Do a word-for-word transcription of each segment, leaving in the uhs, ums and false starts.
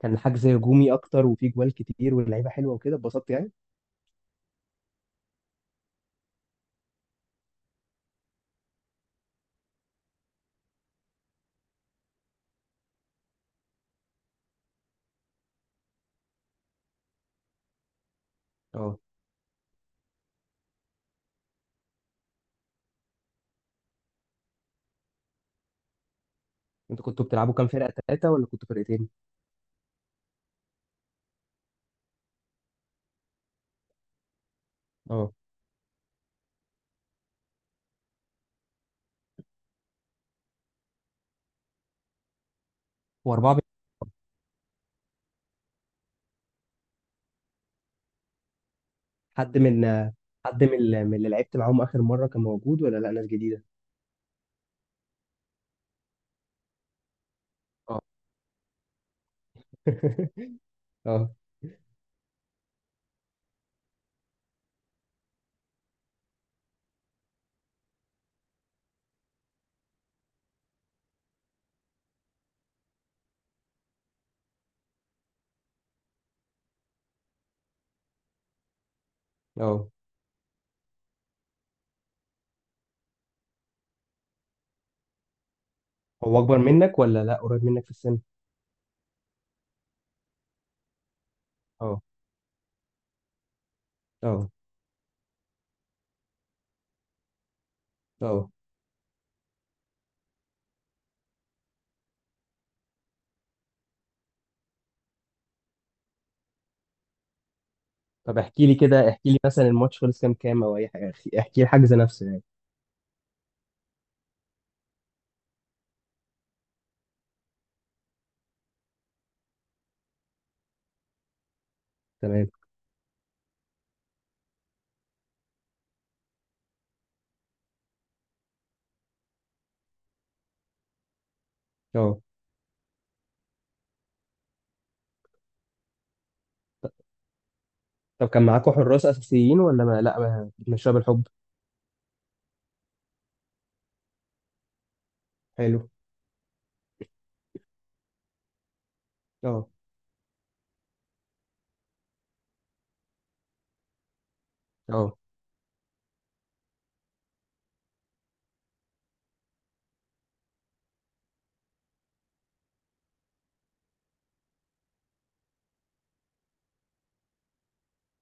كان حجز هجومي اكتر وفيه جوال كتير واللعيبه حلوه وكده اتبسطت يعني. اه. انتوا كنتوا بتلعبوا كام فرقه؟ ثلاثه ولا كنتوا فرقتين؟ اه. واربعه بي- حد من حد من ال- من اللي لعبت معاهم اخر مره كان موجود ولا لا؟ ناس جديده؟ اه. اه. اه. هو اكبر منك ولا لا؟ قريب منك في السن؟ اه. اه. اه. طب احكي لي كده، احكي لي مثلا الماتش خلص كام كام او اي حاجه. احكي لي الحجز نفسه يعني. تمام. اه. طب كان معاكم حراس اساسيين ولا ما لا ما- بتمشوها بالحب؟ حلو. اه. اه.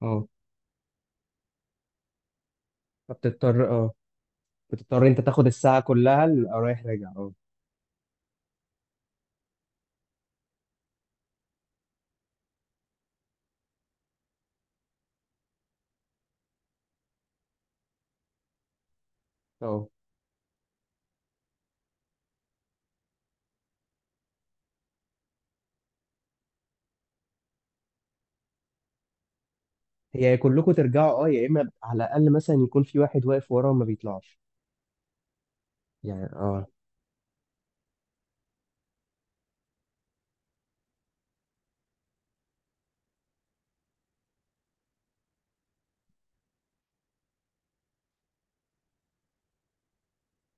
اه. فبتضطر. اه. بتضطر انت تاخد الساعة كلها ال- آه، رايح راجع. اه. اه. هي يا كلكم ترجعوا، اه، يا اما على الاقل مثلا يكون في واحد واقف ورا وما بيطلعش يعني. اه.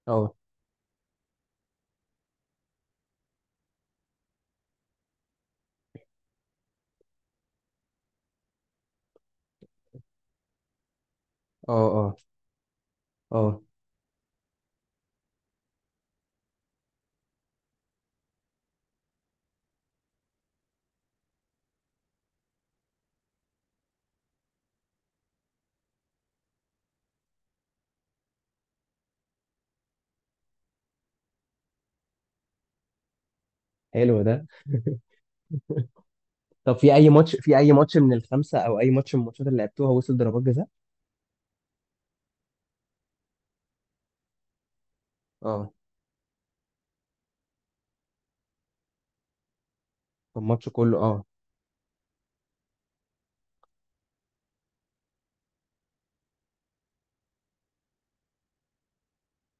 اه. اه. اه. اه. حلو ده. طب في اي ماتش، في اي ماتش من الخمسة او اي ماتش من الماتشات اللي لعبتوها وصل ضربات جزاء؟ اه. الماتش كله. اه.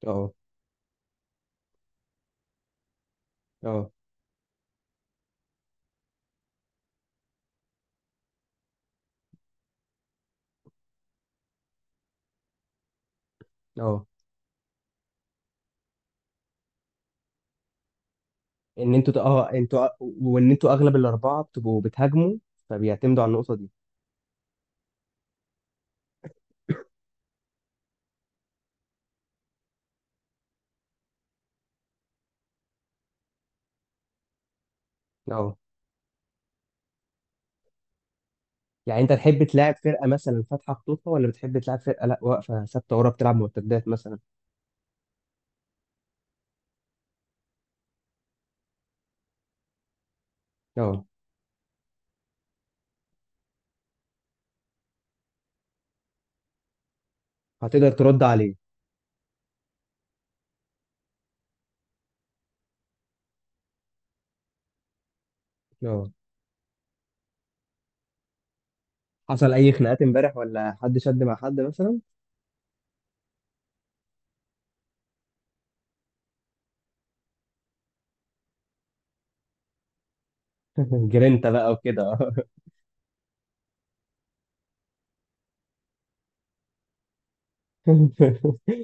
اه. اه. اه. ان انتوا ت- اه انتوا وان انتوا اغلب الاربعة بتبقوا بتهاجموا، فبيعتمدوا على النقطة دي. اه. يعني انت تحب تلعب فرقه مثلا فاتحه خطوطها، ولا بتحب تلعب فرقه لا واقفه ثابته ورا بتلعب مرتدات مثلا؟ اه. هتقدر ترد عليه؟ اه. حصل اي خناقات امبارح ولا حد شد مع حد مثلا؟ جرينتا بقى وكده. اه.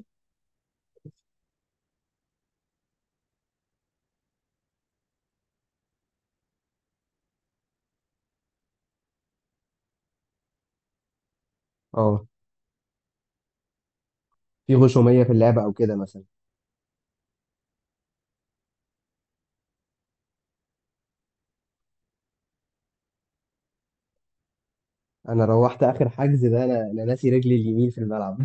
اه. في غشوميه في اللعبه او كده مثلا؟ انا روحت اخر حجز ده، انا انا ناسي رجلي اليمين في الملعب.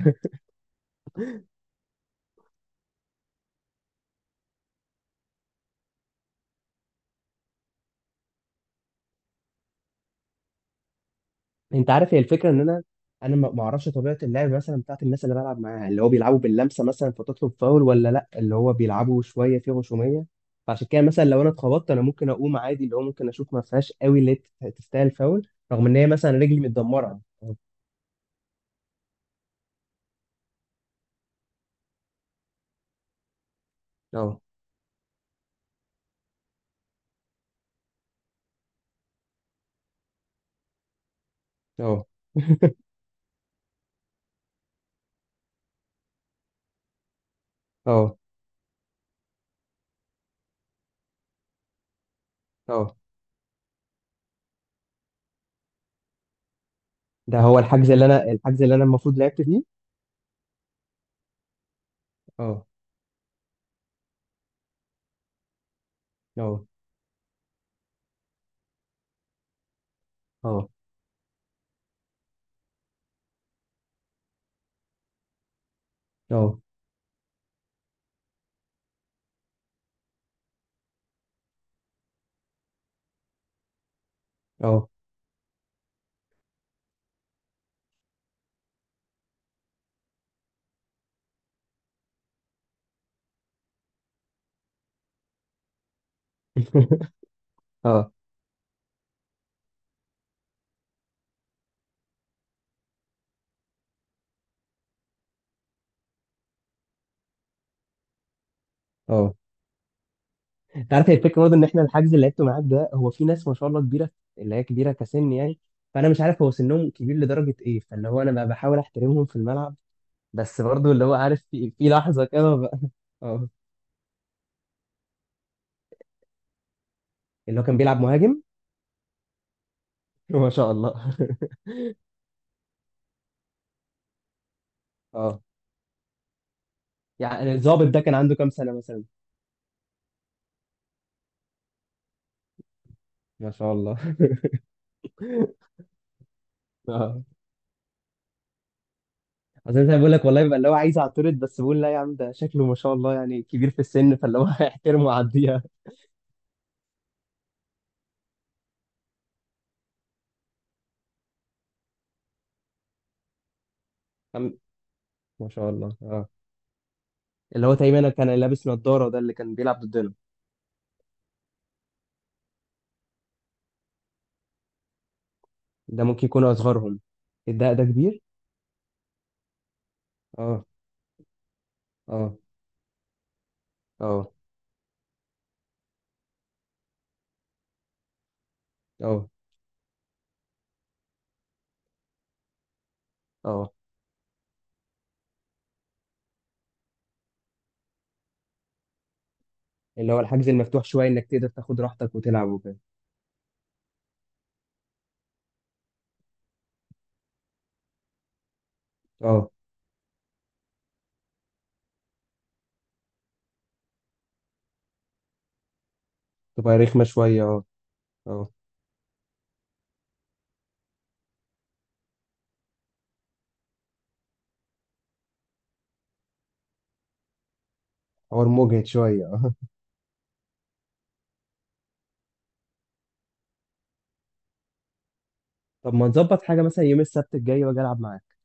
انت عارف هي الفكره ان انا انا ما ما اعرفش طبيعه اللعب مثلا بتاعت الناس اللي بلعب معاها، اللي هو بيلعبوا باللمسه مثلا فتطلب فاول، ولا لا اللي هو بيلعبوا شويه في غشوميه؟ فعشان كده مثلا لو انا اتخبطت انا ممكن اقوم عادي، اللي هو ممكن اشوف ما فيهاش قوي اللي هي تستاهل فاول، رغم ان هي مثلا رجلي متدمره. اه. اه. اه. اه. ده هو الحجز اللي انا الحجز اللي انا المفروض لعبت فيه. اه. اه. اه. اه. اه. اه. اه. انت عارف هي الفكره برضه ان احنا الحجز اللي لعبته معاك ده، هو في ناس ما شاء الله كبيره. اللي هي كبيره كسن يعني. فانا مش عارف هو سنهم كبير لدرجه ايه، فاللي هو انا بقى بحاول احترمهم في الملعب. بس برضه اللي هو عارف في, في لحظه كده بقى. اه. اللي هو كان بيلعب مهاجم. ما شاء الله. اه، يعني الظابط ده كان عنده كام سنه مثلا؟ ما شاء الله. اه. عشان انا بقول لك والله بيبقى اللي هو عايز اعترض، بس بقول لا يا عم، ده شكله ما شاء الله يعني كبير في السن، فاللي هو هيحترمه ويعديها. عم- ما شاء الله. اه. اللي هو تقريبا كان لابس نضارة، ده اللي كان بيلعب ضدنا. ده ممكن يكون أصغرهم. الدق ده كبير. اه. اه. اه. اه. اه. اللي هو الحجز المفتوح شوية، إنك تقدر تاخد راحتك وتلعب وكده. اه. تبقى رخمة شوية. اه. اه. حوار مجهد شوية. اه. طب ما نظبط حاجة مثلا يوم السبت الجاي وأجي ألعب معاك؟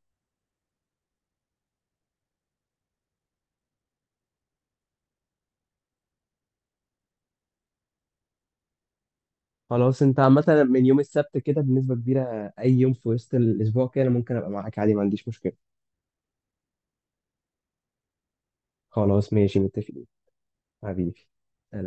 خلاص أنت عامة، من يوم السبت كده بنسبة كبيرة أي يوم في وسط الأسبوع كده أنا ممكن أبقى معاك عادي، ما عنديش مشكلة. خلاص ماشي متفقين. حبيبي.